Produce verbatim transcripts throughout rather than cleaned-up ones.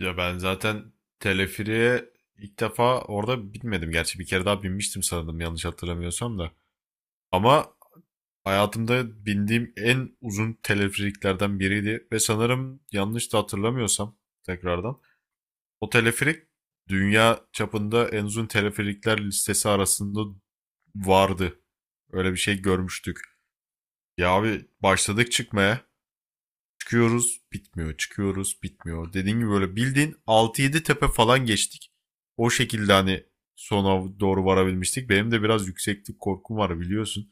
Ya ben zaten teleferiğe ilk defa orada binmedim. Gerçi bir kere daha binmiştim sanırım yanlış hatırlamıyorsam da. Ama hayatımda bindiğim en uzun teleferiklerden biriydi. Ve sanırım yanlış da hatırlamıyorsam tekrardan. O teleferik dünya çapında en uzun teleferikler listesi arasında vardı. Öyle bir şey görmüştük. Ya abi başladık çıkmaya. Çıkıyoruz, bitmiyor, çıkıyoruz, bitmiyor. Dediğim gibi böyle bildiğin altı yedi tepe falan geçtik. O şekilde hani sona doğru varabilmiştik. Benim de biraz yükseklik korkum var biliyorsun.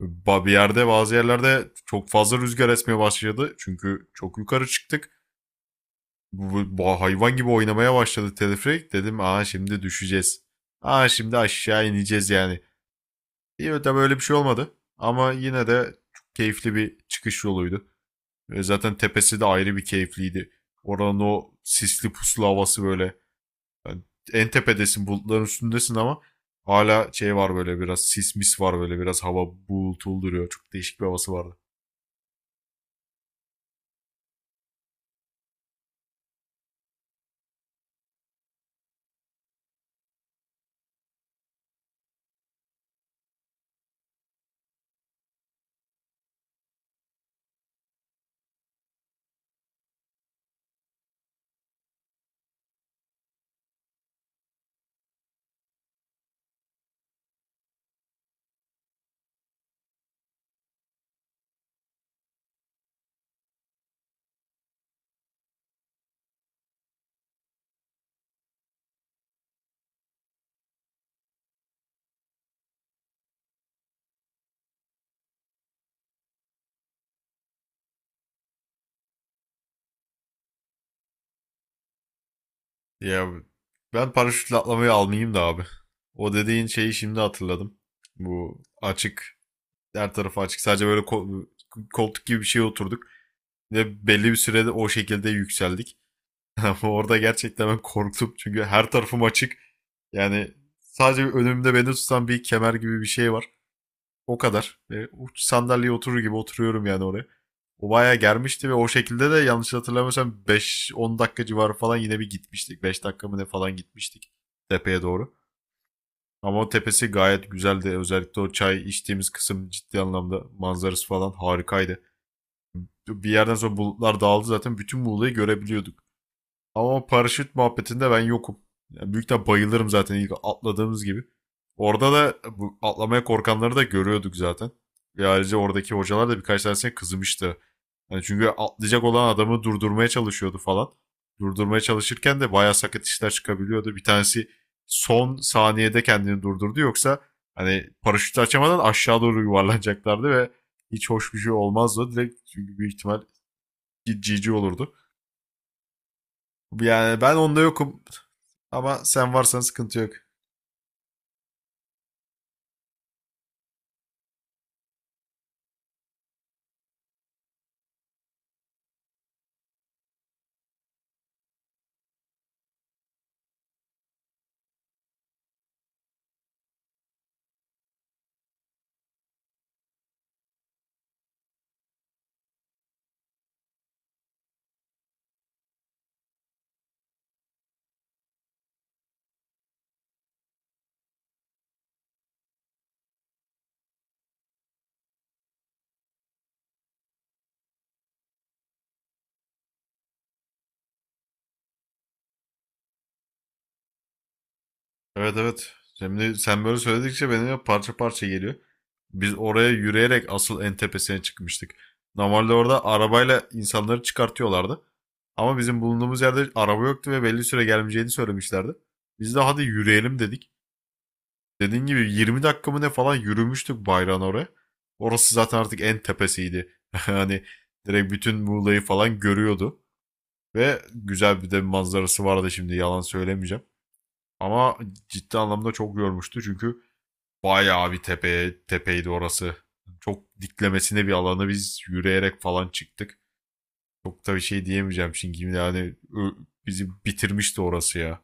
Ba- Bir yerde Bazı yerlerde çok fazla rüzgar esmeye başladı. Çünkü çok yukarı çıktık. Bu, bu- hayvan gibi oynamaya başladı teleferik. Dedim aa şimdi düşeceğiz. Aa şimdi aşağı ineceğiz yani. İyi tabii öyle bir şey olmadı. Ama yine de çok keyifli bir çıkış yoluydu. Ve zaten tepesi de ayrı bir keyifliydi. Oranın o sisli puslu havası böyle. Yani en tepedesin, bulutların üstündesin, ama hala şey var böyle, biraz sis mis var, böyle biraz hava bulutulu duruyor. Çok değişik bir havası vardı. Ya ben paraşütle atlamayı almayayım da abi. O dediğin şeyi şimdi hatırladım. Bu açık, her tarafı açık, sadece böyle ko- koltuk gibi bir şeye oturduk. Ve belli bir sürede o şekilde yükseldik. Ama orada gerçekten ben korktum çünkü her tarafım açık. Yani sadece önümde beni tutan bir kemer gibi bir şey var. O kadar. Ve uç sandalyeye oturur gibi oturuyorum yani oraya. O bayağı germişti ve o şekilde de yanlış hatırlamıyorsam beş on dakika civarı falan yine bir gitmiştik. Beş dakika mı ne falan gitmiştik tepeye doğru. Ama o tepesi gayet güzeldi. Özellikle o çay içtiğimiz kısım ciddi anlamda manzarası falan harikaydı. Bir yerden sonra bulutlar dağıldı, zaten bütün Muğla'yı görebiliyorduk. Ama paraşüt muhabbetinde ben yokum. Yani büyükten bayılırım zaten ilk atladığımız gibi. Orada da bu atlamaya korkanları da görüyorduk zaten. Ve ayrıca oradaki hocalar da birkaç tanesine kızmıştı. Yani çünkü atlayacak olan adamı durdurmaya çalışıyordu falan. Durdurmaya çalışırken de bayağı sakat işler çıkabiliyordu. Bir tanesi son saniyede kendini durdurdu. Yoksa hani paraşütü açamadan aşağı doğru yuvarlanacaklardı ve hiç hoş bir şey olmazdı. Direkt çünkü büyük ihtimal G G olurdu. Yani ben onda yokum. Ama sen varsan sıkıntı yok. Evet evet. Şimdi sen böyle söyledikçe benim parça parça geliyor. Biz oraya yürüyerek asıl en tepesine çıkmıştık. Normalde orada arabayla insanları çıkartıyorlardı. Ama bizim bulunduğumuz yerde araba yoktu ve belli süre gelmeyeceğini söylemişlerdi. Biz de hadi yürüyelim dedik. Dediğin gibi yirmi dakika mı ne falan yürümüştük bayrağın oraya. Orası zaten artık en tepesiydi. Hani direkt bütün Muğla'yı falan görüyordu. Ve güzel bir de bir manzarası vardı, şimdi yalan söylemeyeceğim. Ama ciddi anlamda çok yormuştu çünkü bayağı bir tepe, tepeydi orası. Çok diklemesine bir alanı biz yürüyerek falan çıktık. Çok da bir şey diyemeyeceğim çünkü yani ö- bizi bitirmişti orası ya.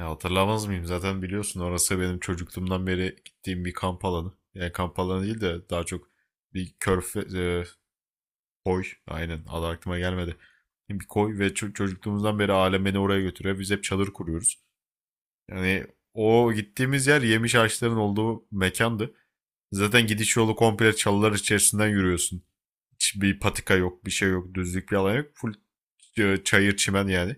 Ya hatırlamaz mıyım? Zaten biliyorsun, orası benim çocukluğumdan beri gittiğim bir kamp alanı. Yani kamp alanı değil de daha çok bir körfe, e, koy. Aynen. Adı aklıma gelmedi. Bir koy ve ço- çocukluğumuzdan beri alem beni oraya götürüyor. Biz hep çadır kuruyoruz. Yani o gittiğimiz yer yemiş ağaçların olduğu mekandı. Zaten gidiş yolu komple çalılar içerisinden yürüyorsun. Hiçbir patika yok, bir şey yok, düzlük bir alan yok. Full e, çayır çimen yani.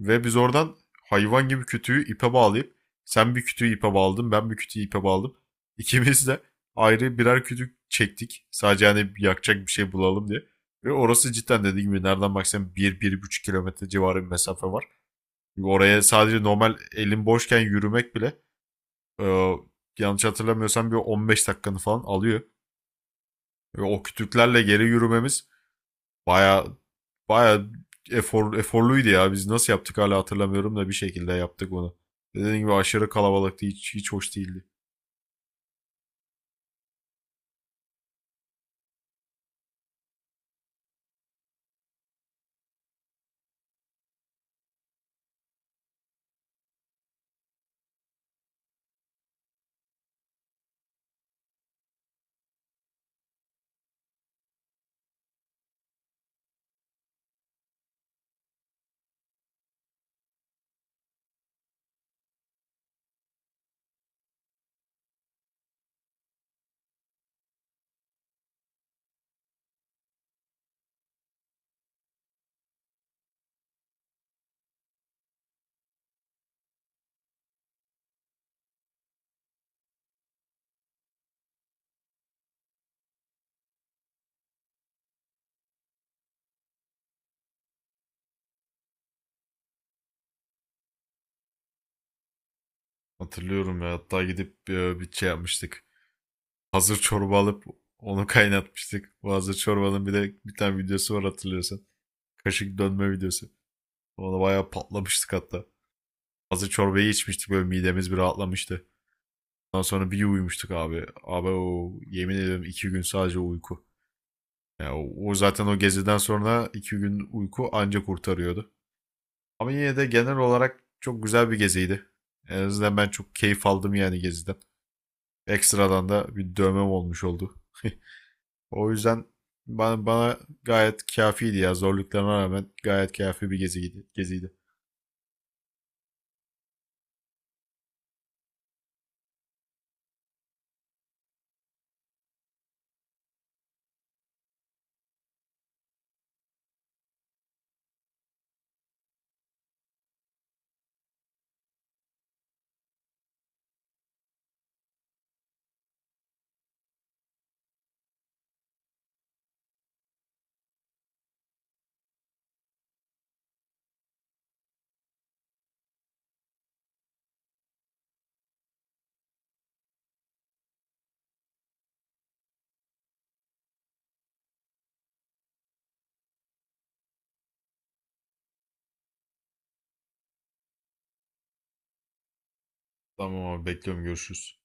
Ve biz oradan hayvan gibi kütüğü ipe bağlayıp, sen bir kütüğü ipe bağladın, ben bir kütüğü ipe bağladım. İkimiz de ayrı birer kütük çektik. Sadece hani yakacak bir şey bulalım diye. Ve orası cidden, dediğim gibi, nereden baksan bir bir buçuk kilometre civarı bir mesafe var. Oraya sadece normal elin boşken yürümek bile e, yanlış hatırlamıyorsam bir on beş dakikanı falan alıyor. Ve o kütüklerle geri yürümemiz baya baya efor, eforluydu ya. Biz nasıl yaptık hala hatırlamıyorum da bir şekilde yaptık onu. Dediğim gibi aşırı kalabalıktı. Hiç, hiç hoş değildi. Hatırlıyorum ya. Hatta gidip e, bir şey yapmıştık. Hazır çorba alıp onu kaynatmıştık. Bu hazır çorbanın bir de bir tane videosu var, hatırlıyorsan. Kaşık dönme videosu. Ona bayağı patlamıştık hatta. Hazır çorbayı içmiştik, böyle midemiz bir rahatlamıştı. Ondan sonra bir uyumuştuk abi. Abi o yemin ederim iki gün sadece uyku. Ya o, o zaten o geziden sonra iki gün uyku anca kurtarıyordu. Ama yine de genel olarak çok güzel bir geziydi. En azından ben çok keyif aldım yani geziden. Ekstradan da bir dövmem olmuş oldu. O yüzden bana, bana gayet kâfiydi ya. Zorluklarına rağmen gayet kâfi bir geziydi. geziydi. Tamam abi, bekliyorum, görüşürüz.